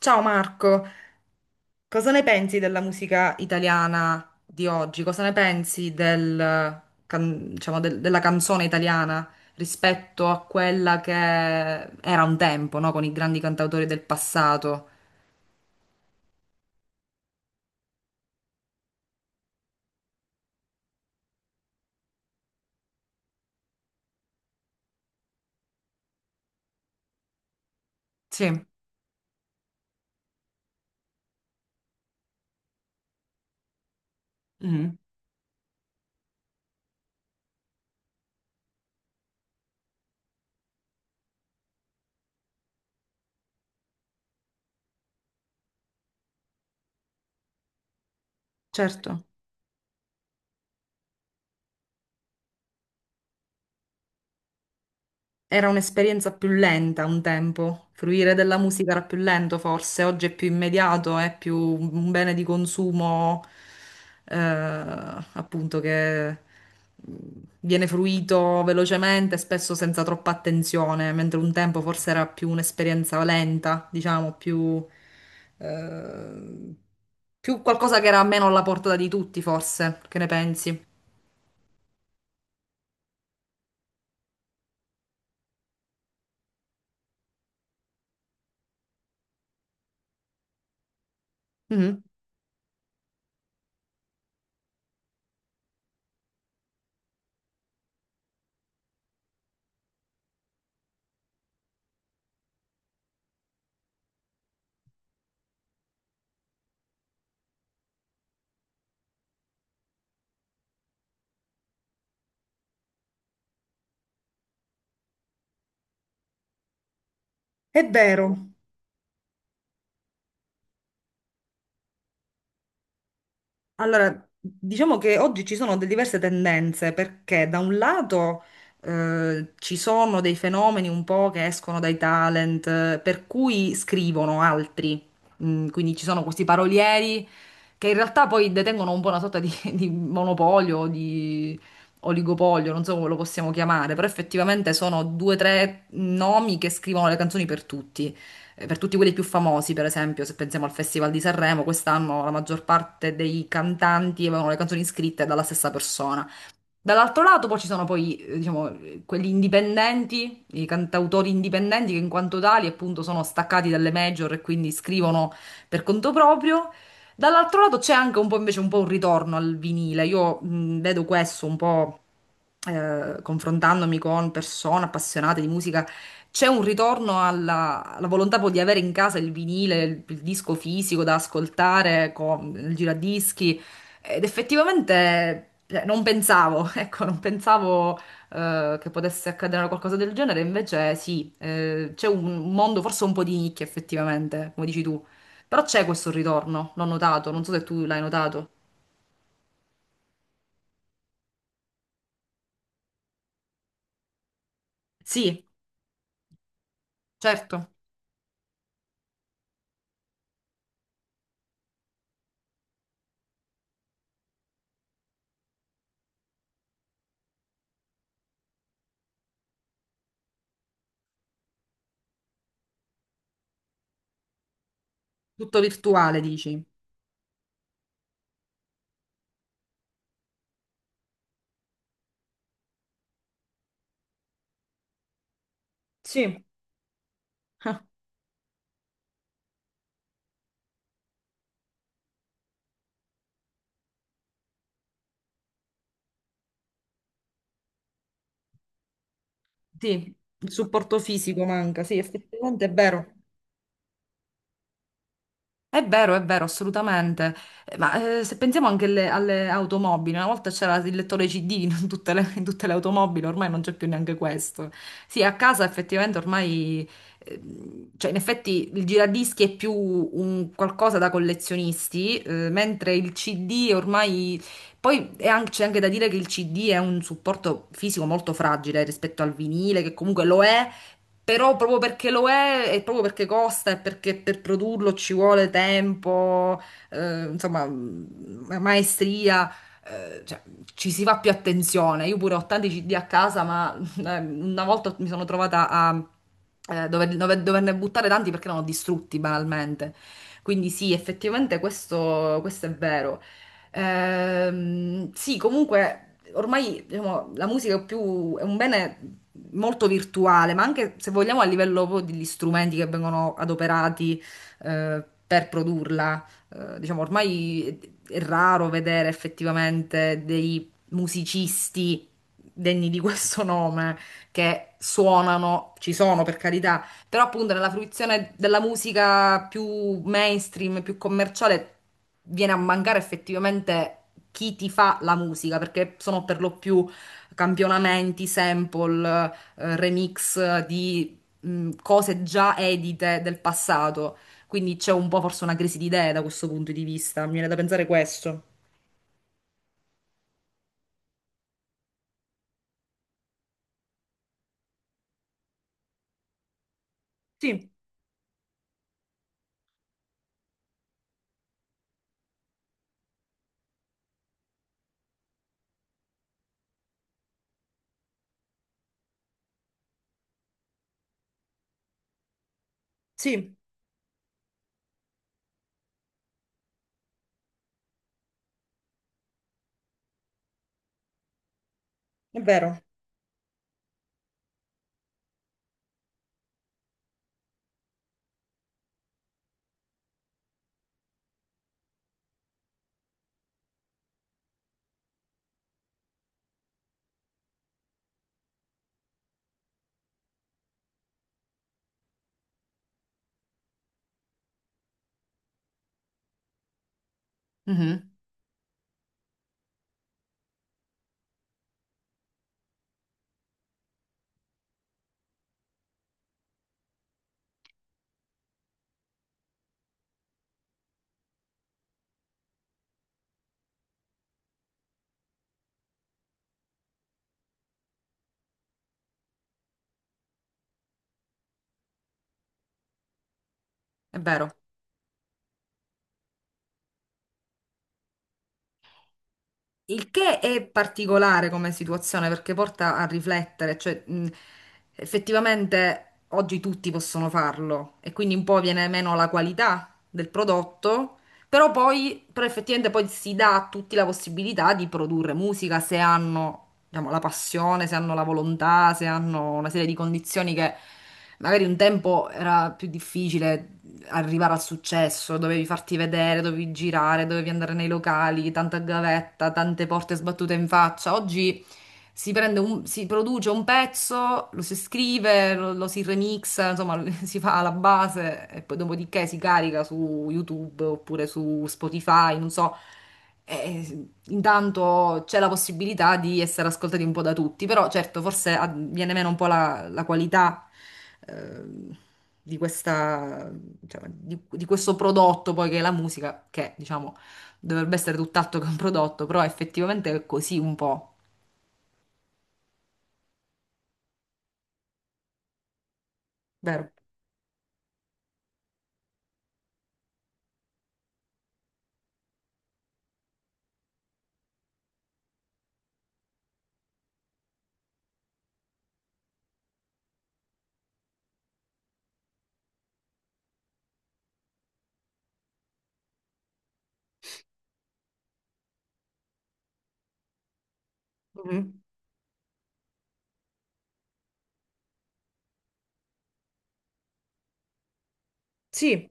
Ciao Marco, cosa ne pensi della musica italiana di oggi? Cosa ne pensi del, della canzone italiana rispetto a quella che era un tempo, no? Con i grandi cantautori del passato? Sì. Mhm. Certo. Era un'esperienza più lenta un tempo, fruire della musica era più lento forse, oggi è più immediato, è più un bene di consumo appunto che mm, viene fruito velocemente, spesso senza troppa attenzione, mentre un tempo forse era più un'esperienza lenta, diciamo, più, eh, più qualcosa che era meno alla portata di tutti forse, che ne pensi? Mhm. È vero. Allora, diciamo che oggi ci sono diverse tendenze perché da un lato ci sono dei fenomeni un po' che escono dai talent, per cui scrivono altri. Quindi ci sono questi parolieri che in realtà poi detengono un po' una sorta di monopolio, o di oligopolio, non so come lo possiamo chiamare, però effettivamente sono due o tre nomi che scrivono le canzoni per tutti. Per tutti quelli più famosi, per esempio, se pensiamo al Festival di Sanremo, quest'anno la maggior parte dei cantanti avevano le canzoni scritte dalla stessa persona. Dall'altro lato poi ci sono poi, diciamo, quelli indipendenti, i cantautori indipendenti che in quanto tali appunto sono staccati dalle major e quindi scrivono per conto proprio. Dall'altro lato c'è anche un po' invece un po' un ritorno al vinile. Io vedo questo un po' confrontandomi con persone appassionate di musica, c'è un ritorno alla, alla volontà poi di avere in casa il vinile, il disco fisico da ascoltare con il giradischi. Ed effettivamente cioè, non pensavo, ecco, non pensavo che potesse accadere una qualcosa del genere, invece sì, c'è un mondo forse un po' di nicchia effettivamente, come dici tu. Però c'è questo ritorno, l'ho notato, non so se tu l'hai notato. Sì, certo, tutto virtuale dici. Sì. Sì, il supporto fisico manca, sì, effettivamente è vero. È vero, è vero, assolutamente. Ma se pensiamo anche alle, alle automobili, una volta c'era il lettore CD in tutte le automobili, ormai non c'è più neanche questo. Sì, a casa effettivamente ormai, cioè in effetti il giradischi è più un qualcosa da collezionisti, mentre il CD ormai... C'è anche da dire che il CD è un supporto fisico molto fragile rispetto al vinile, che comunque lo è, però proprio perché lo è, e proprio perché costa, e perché per produrlo ci vuole tempo, insomma, maestria, eh, cioè, ci si fa più attenzione. Io pure ho tanti CD a casa, ma una volta mi sono trovata a doverne buttare tanti perché erano distrutti banalmente. Quindi sì, effettivamente questo, questo è vero. Sì, comunque ormai diciamo, la musica è più, è un bene molto virtuale, ma anche se vogliamo a livello proprio degli strumenti che vengono adoperati per produrla. Diciamo, ormai è raro vedere effettivamente dei musicisti degni di questo nome che suonano, ci sono per carità, però appunto nella fruizione della musica più mainstream, più commerciale, viene a mancare effettivamente chi ti fa la musica, perché sono per lo più campionamenti, sample, remix di cose già edite del passato. Quindi c'è un po' forse una crisi di idee da questo punto di vista. Mi viene da pensare questo. Sì, sì, è vero. Mhm, è vero. Il che è particolare come situazione perché porta a riflettere, cioè effettivamente oggi tutti possono farlo e quindi un po' viene meno la qualità del prodotto, però poi però effettivamente poi si dà a tutti la possibilità di produrre musica se hanno, diciamo, la passione, se hanno la volontà, se hanno una serie di condizioni che magari un tempo era più difficile arrivare al successo, dovevi farti vedere, dovevi girare, dovevi andare nei locali, tanta gavetta, tante porte sbattute in faccia. Oggi si produce un pezzo, lo si scrive, lo si remixa, insomma, si fa alla base e poi dopodiché si carica su YouTube oppure su Spotify, non so. E intanto c'è la possibilità di essere ascoltati un po' da tutti, però certo forse viene meno un po' la qualità ehm, di questa, cioè, di questo prodotto poi che è la musica, che diciamo dovrebbe essere tutt'altro che un prodotto, però effettivamente è così un po', vero? Mhm. Sì,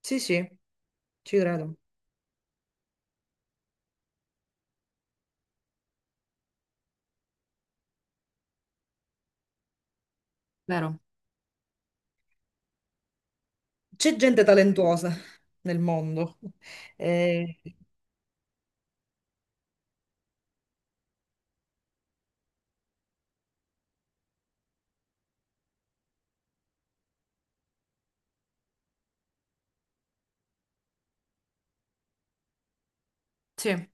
sì, sì, ci credo. Vero? C'è gente talentuosa nel mondo. Eh, Sì.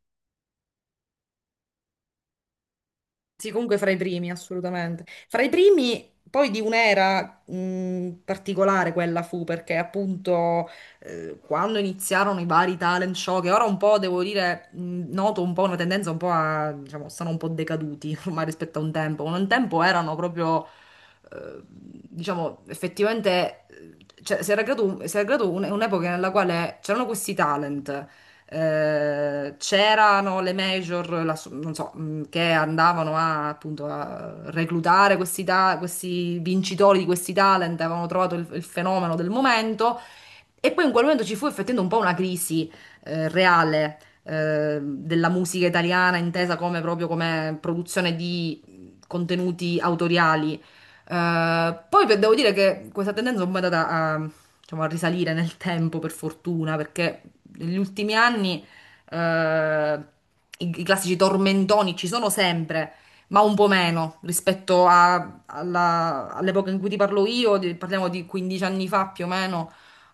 Sì, comunque fra i primi, assolutamente. Fra i primi, poi di un'era particolare quella fu, perché appunto quando iniziarono i vari talent show, che ora un po', devo dire, noto un po' una tendenza un po' a, diciamo, stanno un po' decaduti ormai rispetto a un tempo. Un tempo erano proprio, diciamo, effettivamente, si era creato, si era creato un'epoca nella quale c'erano questi talent c'erano le major, non so, che andavano a, appunto a reclutare questi vincitori di questi talent, avevano trovato il fenomeno del momento e poi in quel momento ci fu effettivamente un po' una crisi reale della musica italiana, intesa come proprio come produzione di contenuti autoriali. Poi beh, devo dire che questa tendenza è un po' è andata a, diciamo, a risalire nel tempo, per fortuna, perché negli ultimi anni eh, i, i classici tormentoni ci sono sempre, ma un po' meno rispetto all'epoca in cui ti parlo io, parliamo di 15 anni fa più o meno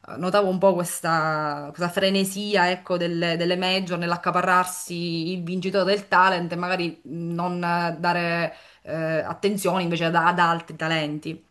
notavo un po' questa frenesia, ecco, delle, delle major nell'accaparrarsi il vincitore del talent e magari non dare attenzione invece ad, ad altri talenti.